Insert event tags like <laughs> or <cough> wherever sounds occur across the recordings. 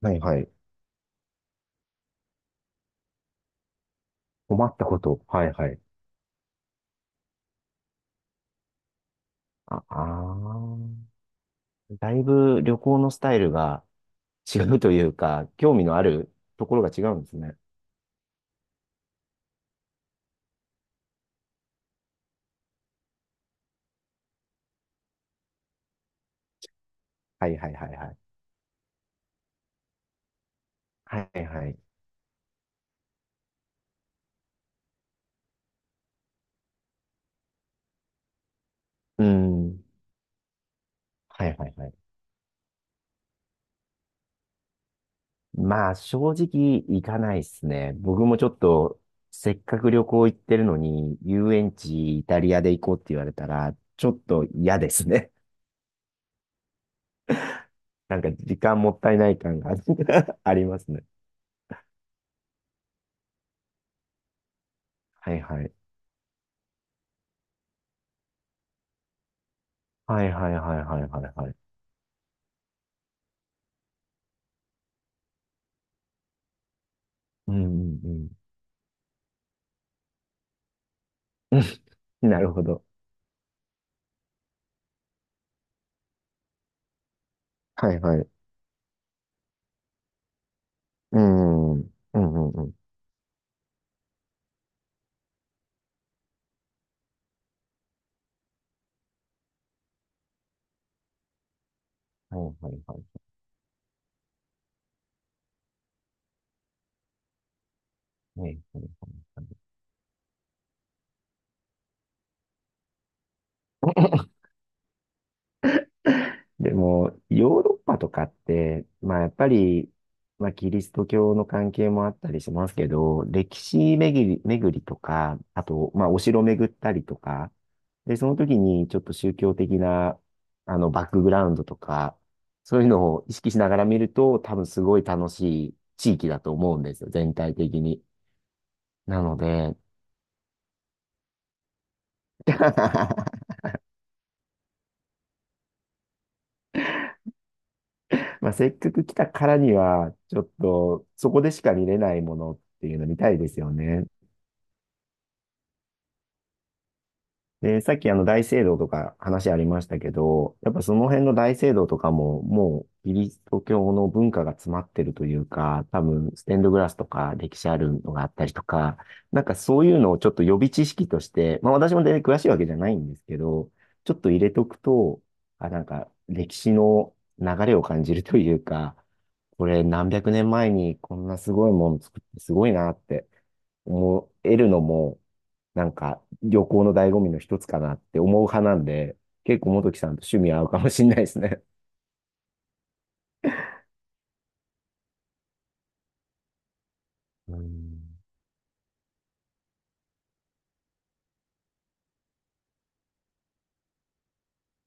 はいはい。困ったこと。はいはい。あ、あーだいぶ旅行のスタイルが違うというか、興味のあるところが違うんですね。はいはいはいはい。はいはい。うん。はいはいはい。まあ、正直行かないですね。僕もちょっと、せっかく旅行行ってるのに、遊園地イタリアで行こうって言われたら、ちょっと嫌ですね。<laughs> なんか時間もったいない感が <laughs> ありますね。はいはい。はいはいはいはいはいはい。うんうんうん。<laughs> なるほど。はいはい。うん。うんうんうん。はいはいはい。はいはいはい。でも、ヨーロッパとかって、まあやっぱり、まあキリスト教の関係もあったりしますけど、歴史巡り、巡りとか、あと、まあお城巡ったりとか、で、その時にちょっと宗教的な、バックグラウンドとか、そういうのを意識しながら見ると、多分すごい楽しい地域だと思うんですよ、全体的に。なので、<laughs> まあ、せっかく来たからには、ちょっと、そこでしか見れないものっていうの見たいですよね。で、さっき大聖堂とか話ありましたけど、やっぱその辺の大聖堂とかももうキリスト教の文化が詰まってるというか、多分ステンドグラスとか歴史あるのがあったりとか、なんかそういうのをちょっと予備知識として、まあ私も全然詳しいわけじゃないんですけど、ちょっと入れとくと、あ、なんか歴史の流れを感じるというか、これ何百年前にこんなすごいもの作ってすごいなって思えるのも、なんか旅行の醍醐味の一つかなって思う派なんで、結構元木さんと趣味合うかもしれないですね。うん。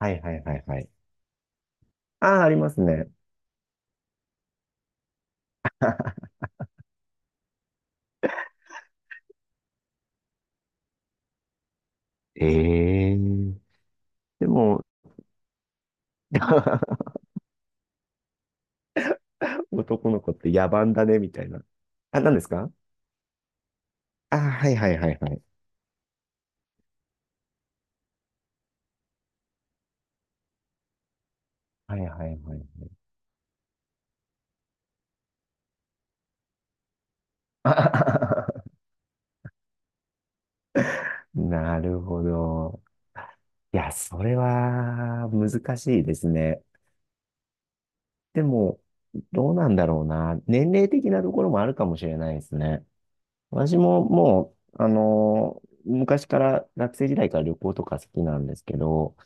はいはいはいはい。ああ、ありますね。ええ。でも、<laughs> 男の子って野蛮だね、みたいな。あ、何ですか。ああ、はいはいはいはい。はいはいはいはい。<laughs> あははははなるほど。いや、それは難しいですね。でも、どうなんだろうな。年齢的なところもあるかもしれないですね。私ももう、昔から学生時代から旅行とか好きなんですけど、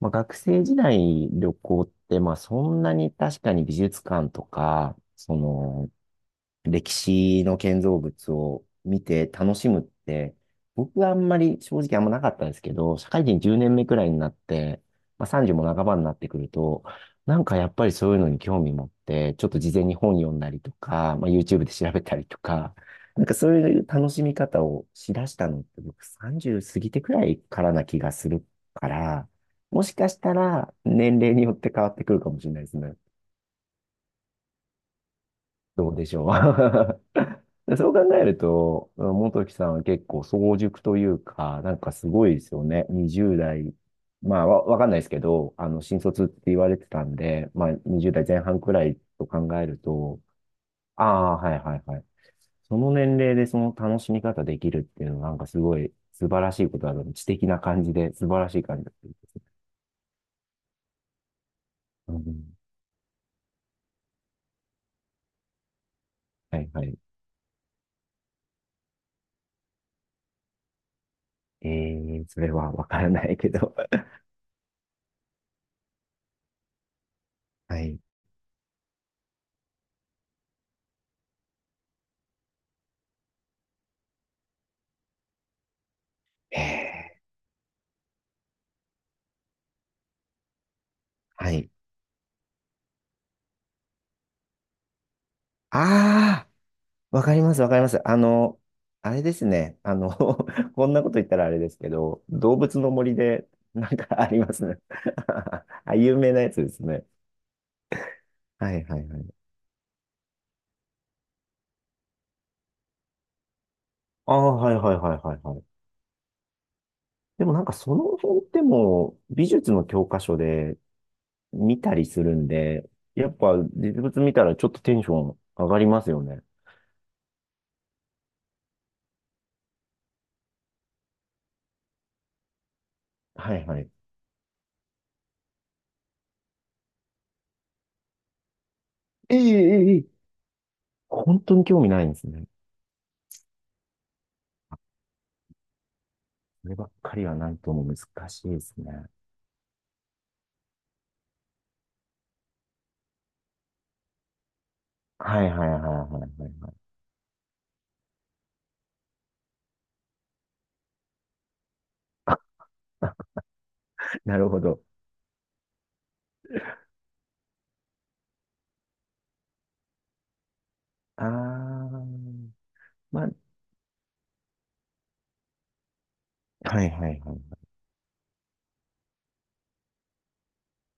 まあ、学生時代旅行って、まあそんなに確かに美術館とか、歴史の建造物を見て楽しむって、僕はあんまり正直あんまなかったんですけど、社会人10年目くらいになって、まあ、30も半ばになってくると、なんかやっぱりそういうのに興味持って、ちょっと事前に本読んだりとか、まあ、YouTube で調べたりとか、なんかそういう楽しみ方をしだしたのって僕30過ぎてくらいからな気がするから、もしかしたら年齢によって変わってくるかもしれないですね。どうでしょう。<laughs> でそう考えると、元木さんは結構早熟というか、なんかすごいですよね。20代。まあ、わかんないですけど、新卒って言われてたんで、まあ、20代前半くらいと考えると、ああ、はいはいはい。その年齢でその楽しみ方できるっていうのは、なんかすごい素晴らしいことだと、知的な感じで、素晴らしい感じだと思います。うん、はいはい。えー、それはわからないけど。<laughs> はい。えー、はい。ああ。わかります、わかります。あれですね。<laughs> こんなこと言ったらあれですけど、動物の森で、なんかありますね。<laughs> あ、有名なやつですね。はいはいはい。ああ、はいはいはいはいはい。でもなんかその辺ってもう美術の教科書で見たりするんで、やっぱ実物見たらちょっとテンション上がりますよね。はいはい。ええええええ本当に興味ないんですね。こればっかりはなんとも難しいですね。はいはいはいはいはいはい。なるほど。ああ、まあ、はいはいはい。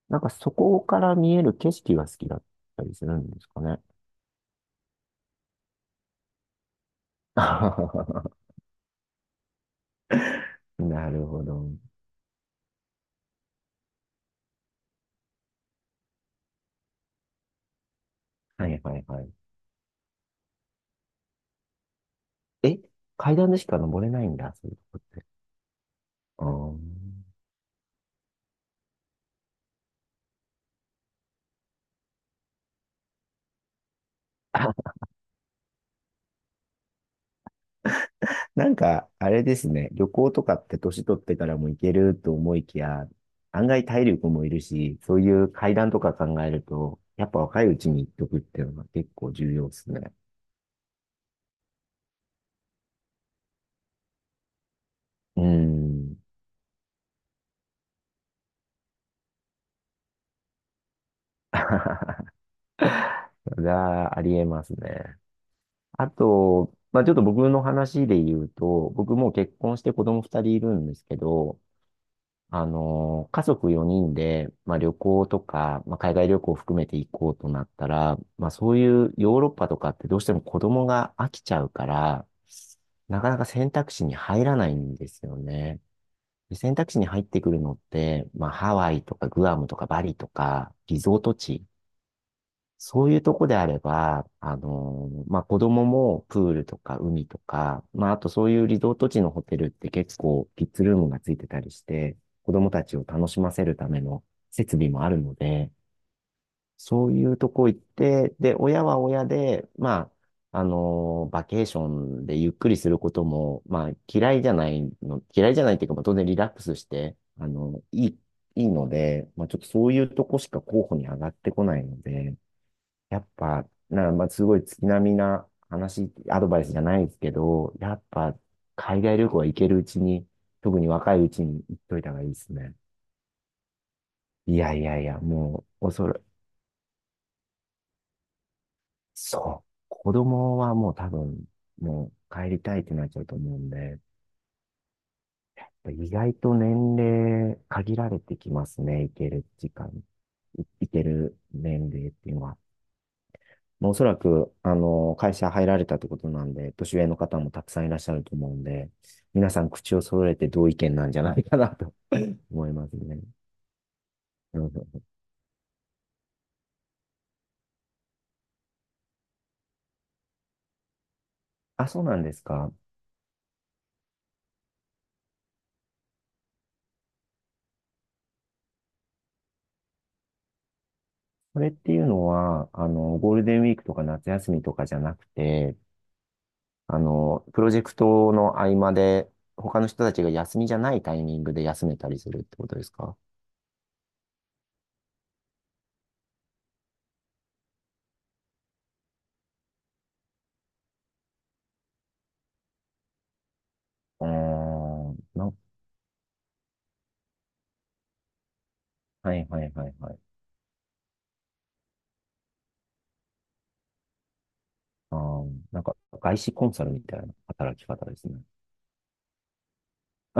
なんかそこから見える景色が好きだったりするんですかね。<laughs> なるほど。はいはいはい。え、階段でしか登れないんだ、そういうとこって。あー <laughs> あ、なんか、あれですね。旅行とかって年取ってからも行けると思いきや、案外体力もいるし、そういう階段とか考えると、やっぱ若いうちに行っとくっていうのが結構重要ですね。うーん。がありえますね。あと、まあ、ちょっと僕の話で言うと、僕もう結婚して子供2人いるんですけど、家族4人で、まあ、旅行とか、まあ、海外旅行を含めて行こうとなったら、まあ、そういうヨーロッパとかってどうしても子供が飽きちゃうから、なかなか選択肢に入らないんですよね。で選択肢に入ってくるのって、まあ、ハワイとかグアムとかバリとか、リゾート地、そういうとこであれば、まあ、子供もプールとか海とか、まあ、あとそういうリゾート地のホテルって結構キッズルームがついてたりして、子供たちを楽しませるための設備もあるので、そういうとこ行って、で、親は親で、まあ、バケーションでゆっくりすることも、まあ、嫌いじゃないっていうか、まあ、当然リラックスして、いいので、まあ、ちょっとそういうとこしか候補に上がってこないので、やっぱ、まあ、すごい月並みな話、アドバイスじゃないですけど、やっぱ、海外旅行は行けるうちに、特に若いうちに行っといた方がいいですね。いやいやいや、もう、恐れ、そう。子供はもう多分、もう帰りたいってなっちゃうと思うんで、意外と年齢限られてきますね、行ける時間、行ける年齢っていうのは。まあおそらく、会社入られたってことなんで、年上の方もたくさんいらっしゃると思うんで、皆さん口を揃えて同意見なんじゃないかなと <laughs> 思いますね。<laughs> うん。あ、そうなんですか。これっていうのは、ゴールデンウィークとか夏休みとかじゃなくて、プロジェクトの合間で、他の人たちが休みじゃないタイミングで休めたりするってことですか。うーん、な、はいはいはいはい。あー、なんか、外資コンサルみたいな働き方ですね。<laughs>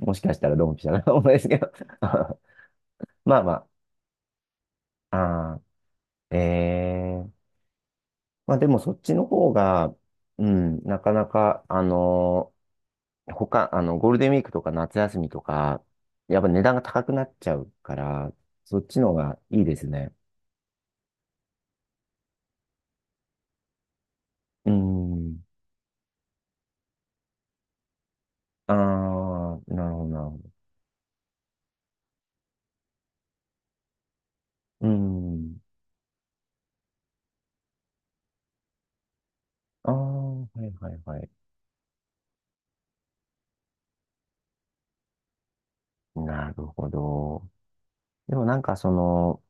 もしかしたらドンピシャな <laughs> かもですけど。 <laughs> まあまあ。あーえーまあでもそっちの方が、うん、なかなか、他、ゴールデンウィークとか夏休みとか、やっぱ値段が高くなっちゃうから、そっちの方がいいですね。うん。ああ、なるほど、なるほど。うん。ああ、はいはいはい。なるほど。でもなんかその、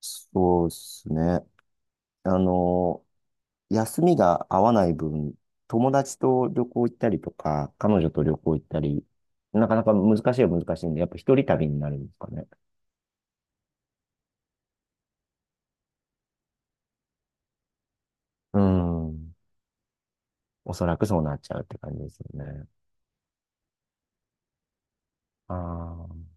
そうですね。あの、休みが合わない分、友達と旅行行ったりとか、彼女と旅行行ったり、なかなか難しいは難しいんで、やっぱ一人旅になるんですかね。うん。おそらくそうなっちゃうって感じですよね。ああ。